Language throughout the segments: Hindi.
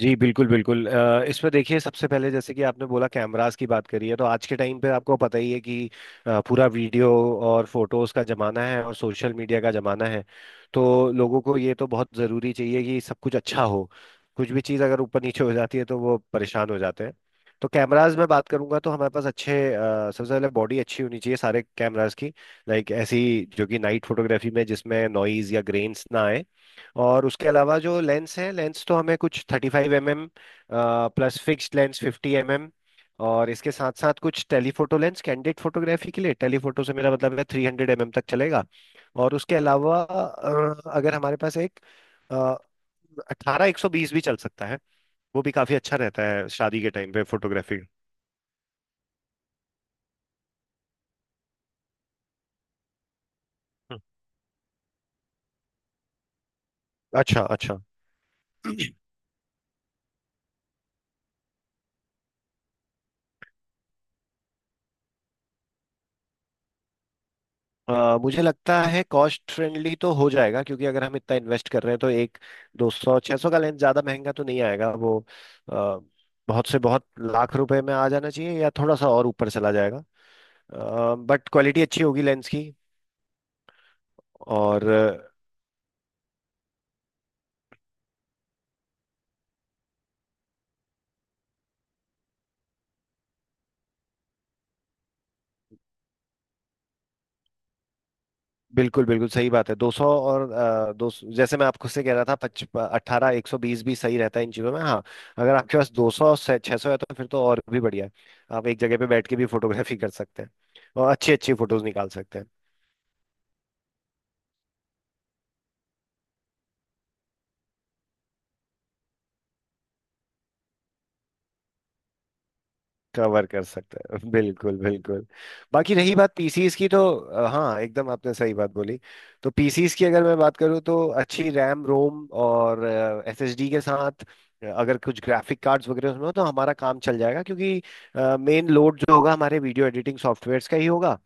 जी बिल्कुल बिल्कुल। इस पर देखिए, सबसे पहले जैसे कि आपने बोला कैमरास की बात करी है, तो आज के टाइम पे आपको पता ही है कि पूरा वीडियो और फोटोज का जमाना है और सोशल मीडिया का जमाना है। तो लोगों को ये तो बहुत जरूरी चाहिए कि सब कुछ अच्छा हो। कुछ भी चीज़ अगर ऊपर नीचे हो जाती है तो वो परेशान हो जाते हैं। तो कैमराज में बात करूंगा तो हमारे पास अच्छे सबसे पहले बॉडी अच्छी होनी चाहिए सारे कैमराज की। लाइक ऐसी जो कि नाइट फोटोग्राफी में जिसमें नॉइज या ग्रेन्स ना आए। और उसके अलावा जो लेंस है, लेंस तो हमें कुछ 35 mm plus fixed lens 50 mm, और इसके साथ साथ कुछ टेलीफोटो लेंस कैंडिड फोटोग्राफी के लिए। टेलीफोटो से मेरा मतलब है 300 mm तक चलेगा। और उसके अलावा अगर हमारे पास एक 18-120 भी चल सकता है, वो भी काफी अच्छा रहता है शादी के टाइम पे फोटोग्राफी। अच्छा अच्छा। मुझे लगता है कॉस्ट फ्रेंडली तो हो जाएगा, क्योंकि अगर हम इतना इन्वेस्ट कर रहे हैं तो एक 200-600 का लेंस ज़्यादा महंगा तो नहीं आएगा वो। अ, बहुत से बहुत लाख रुपए में आ जाना चाहिए, या थोड़ा सा और ऊपर चला जाएगा। बट क्वालिटी अच्छी होगी लेंस की। और बिल्कुल बिल्कुल सही बात है। दो सौ और अ, दो सौ- जैसे मैं आपको से कह रहा था पच 18-120 भी सही रहता है इन चीज़ों में, हाँ। अगर आपके पास 200-600 है तो फिर तो और भी बढ़िया है। आप एक जगह पे बैठ के भी फोटोग्राफी कर सकते हैं और अच्छी अच्छी फोटोज निकाल सकते हैं। कवर कर सकता है बिल्कुल बिल्कुल। बाकी रही बात पीसीस की, तो हाँ एकदम आपने सही बात बोली। तो पीसीस की अगर मैं बात करूँ तो अच्छी रैम, रोम और एसएसडी के साथ अगर कुछ ग्राफिक कार्ड्स वगैरह उसमें हो तो हमारा काम चल जाएगा, क्योंकि मेन लोड जो होगा हमारे वीडियो एडिटिंग सॉफ्टवेयर्स का ही होगा।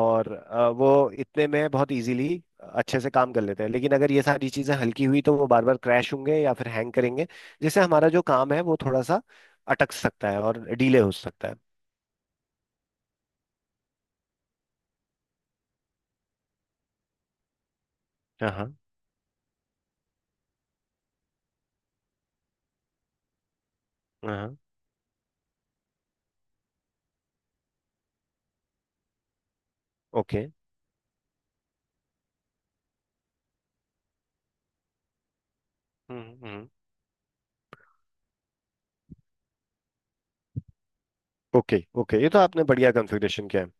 और वो इतने में बहुत इजीली अच्छे से काम कर लेते हैं, लेकिन अगर ये सारी चीज़ें हल्की हुई तो वो बार बार क्रैश होंगे या फिर हैंग करेंगे। जिससे हमारा जो काम है वो थोड़ा सा अटक सकता है और डिले हो सकता है। हाँ हाँ हाँ, ओके। हम्म। ओके ओके, ये तो आपने बढ़िया कॉन्फ़िगरेशन किया है।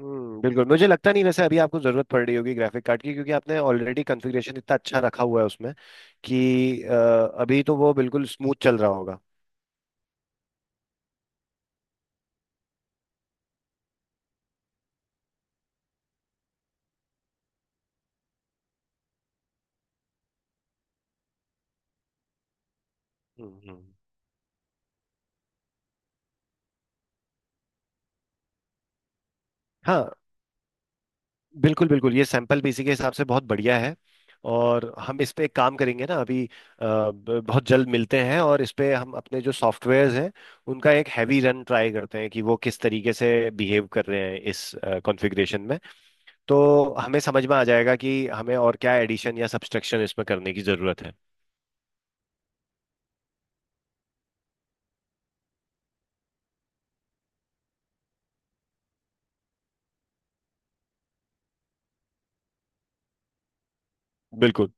हम्म, बिल्कुल। मुझे लगता नहीं वैसे अभी आपको जरूरत पड़ रही होगी ग्राफिक कार्ड की, क्योंकि आपने ऑलरेडी कॉन्फ़िगरेशन इतना अच्छा रखा हुआ है उसमें कि अभी तो वो बिल्कुल स्मूथ चल रहा होगा। हम्म हम्म। हाँ बिल्कुल बिल्कुल, ये सैंपल भी इसी के हिसाब से बहुत बढ़िया है। और हम इस पे एक काम करेंगे ना अभी, बहुत जल्द मिलते हैं और इस पे हम अपने जो सॉफ्टवेयर्स हैं उनका एक हैवी रन ट्राई करते हैं कि वो किस तरीके से बिहेव कर रहे हैं इस कॉन्फ़िगरेशन में। तो हमें समझ में आ जाएगा कि हमें और क्या एडिशन या सब्सट्रैक्शन इसमें करने की ज़रूरत है। बिल्कुल।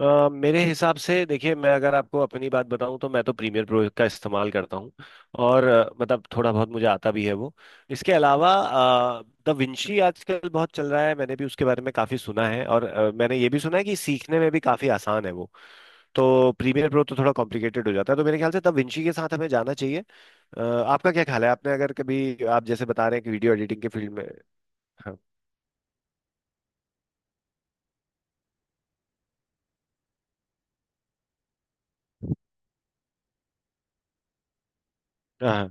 मेरे हिसाब से देखिए, मैं अगर आपको अपनी बात बताऊं तो मैं तो प्रीमियर प्रो का इस्तेमाल करता हूं। और मतलब थोड़ा बहुत मुझे आता भी है वो। इसके अलावा द विंची आजकल बहुत चल रहा है, मैंने भी उसके बारे में काफ़ी सुना है और मैंने ये भी सुना है कि सीखने में भी काफ़ी आसान है वो। तो प्रीमियर प्रो तो थोड़ा कॉम्प्लिकेटेड हो जाता है, तो मेरे ख्याल से द विंची के साथ हमें जाना चाहिए। आपका क्या ख्याल है? आपने अगर कभी, आप जैसे बता रहे हैं कि वीडियो एडिटिंग के फील्ड में। हाँ हाँ,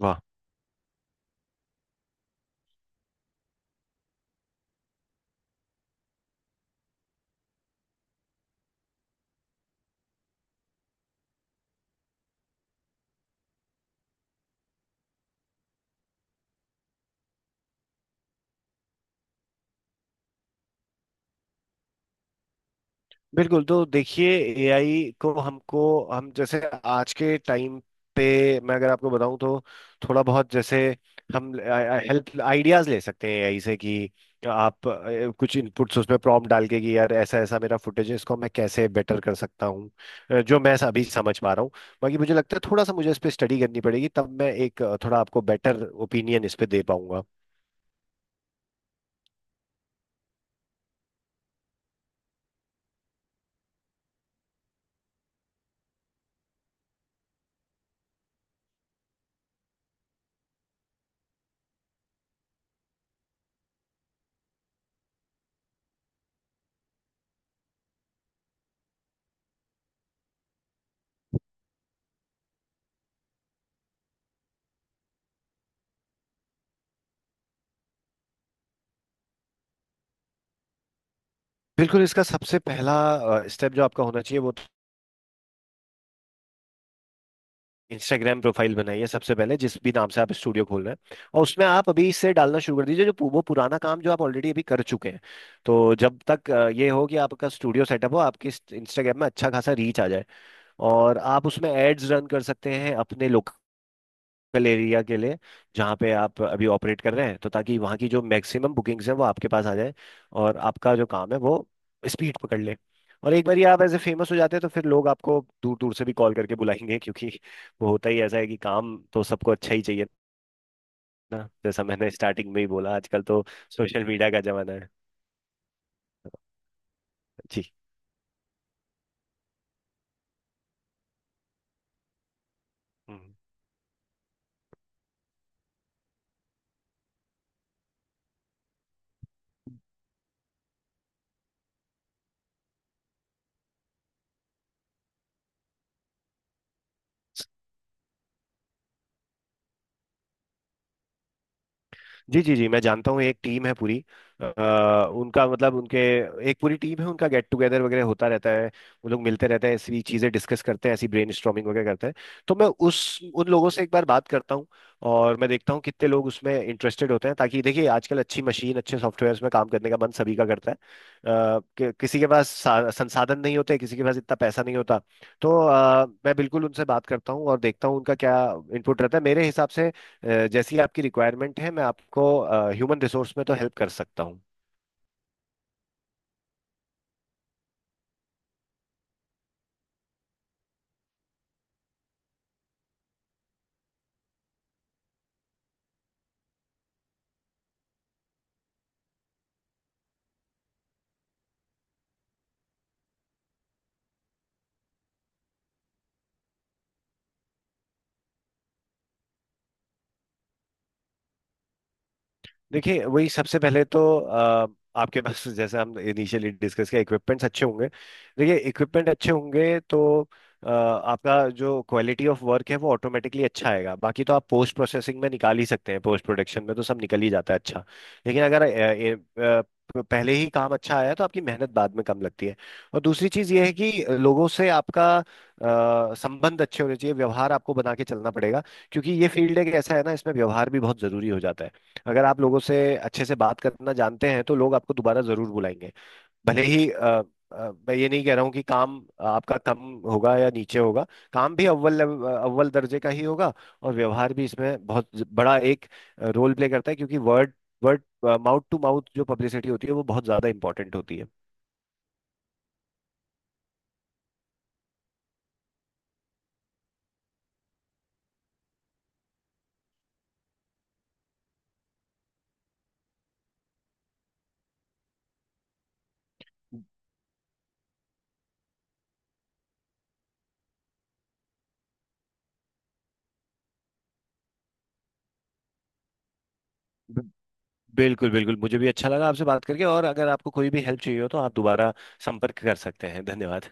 वाह। बिल्कुल, तो देखिए एआई को हमको, हम जैसे आज के टाइम पे, मैं अगर आपको बताऊं तो थोड़ा बहुत जैसे हम हेल्प आइडियाज ले सकते हैं एआई से कि आप कुछ इनपुट्स उसमें प्रॉम्प्ट डाल के कि यार ऐसा ऐसा मेरा फुटेज है, इसको मैं कैसे बेटर कर सकता हूँ। जो मैं अभी समझ पा रहा हूँ, बाकी मुझे लगता है थोड़ा सा मुझे इस पे स्टडी करनी पड़ेगी तब मैं एक थोड़ा आपको बेटर ओपिनियन इस पे दे पाऊंगा। बिल्कुल, इसका सबसे पहला स्टेप जो आपका होना चाहिए वो, इंस्टाग्राम प्रोफाइल बनाइए सबसे पहले, जिस भी नाम से आप स्टूडियो खोल रहे हैं, और उसमें आप अभी इससे डालना शुरू कर दीजिए जो वो पुराना काम जो आप ऑलरेडी अभी कर चुके हैं। तो जब तक ये हो कि आपका स्टूडियो सेटअप हो, आपकी इंस्टाग्राम में अच्छा खासा रीच आ जाए और आप उसमें एड्स रन कर सकते हैं अपने लोकल एरिया के लिए जहाँ पे आप अभी ऑपरेट कर रहे हैं, तो ताकि वहाँ की जो मैक्सिमम बुकिंग्स हैं वो आपके पास आ जाए और आपका जो काम है वो स्पीड पकड़ ले। और एक बार ये आप ऐसे फेमस हो जाते हैं तो फिर लोग आपको दूर दूर से भी कॉल करके बुलाएंगे, क्योंकि वो होता ही ऐसा है कि काम तो सबको अच्छा ही चाहिए ना। जैसा मैंने स्टार्टिंग में ही बोला, आजकल तो सोशल मीडिया का जमाना है। जी। हम्म। जी जी जी, मैं जानता हूँ, एक टीम है पूरी। उनका मतलब, उनके एक पूरी टीम है, उनका गेट टुगेदर वगैरह होता रहता है। वो लोग मिलते रहते हैं, ऐसी चीज़ें डिस्कस करते हैं, ऐसी ब्रेनस्टॉर्मिंग वगैरह करते हैं। तो मैं उस उन लोगों से एक बार बात करता हूँ और मैं देखता हूँ कितने लोग उसमें इंटरेस्टेड होते हैं, ताकि देखिए आजकल अच्छी मशीन अच्छे सॉफ्टवेयर में काम करने का मन सभी का करता है। किसी के पास संसाधन नहीं होते, किसी के पास इतना पैसा नहीं होता। तो मैं बिल्कुल उनसे बात करता हूँ और देखता हूँ उनका क्या इनपुट रहता है। मेरे हिसाब से जैसी आपकी रिक्वायरमेंट है, मैं आपको ह्यूमन रिसोर्स में तो हेल्प कर सकता हूँ। देखिए, वही सबसे पहले तो आपके पास जैसे हम इनिशियली डिस्कस किया, इक्विपमेंट्स अच्छे होंगे। देखिए, इक्विपमेंट अच्छे होंगे तो आपका जो क्वालिटी ऑफ वर्क है वो ऑटोमेटिकली अच्छा आएगा, बाकी तो आप पोस्ट प्रोसेसिंग में निकाल ही सकते हैं, पोस्ट प्रोडक्शन में तो सब निकल ही जाता है अच्छा। लेकिन अगर अ, पहले ही काम अच्छा आया तो आपकी मेहनत बाद में कम लगती है। और दूसरी चीज ये है कि लोगों से आपका संबंध अच्छे होने चाहिए, व्यवहार आपको बना के चलना पड़ेगा। क्योंकि ये फील्ड एक ऐसा है ना, इसमें व्यवहार भी बहुत जरूरी हो जाता है। अगर आप लोगों से अच्छे से बात करना जानते हैं तो लोग आपको दोबारा जरूर बुलाएंगे। भले ही मैं ये नहीं कह रहा हूँ कि काम आपका कम होगा या नीचे होगा। काम भी अव्वल दर्जे का ही होगा। और व्यवहार भी इसमें बहुत बड़ा एक रोल प्ले करता है, क्योंकि word word mouth to mouth जो पब्लिसिटी होती है वो बहुत ज्यादा इंपॉर्टेंट होती है। ब- बिल्कुल बिल्कुल, मुझे भी अच्छा लगा आपसे बात करके। और अगर आपको कोई भी हेल्प चाहिए हो तो आप दोबारा संपर्क कर सकते हैं। धन्यवाद।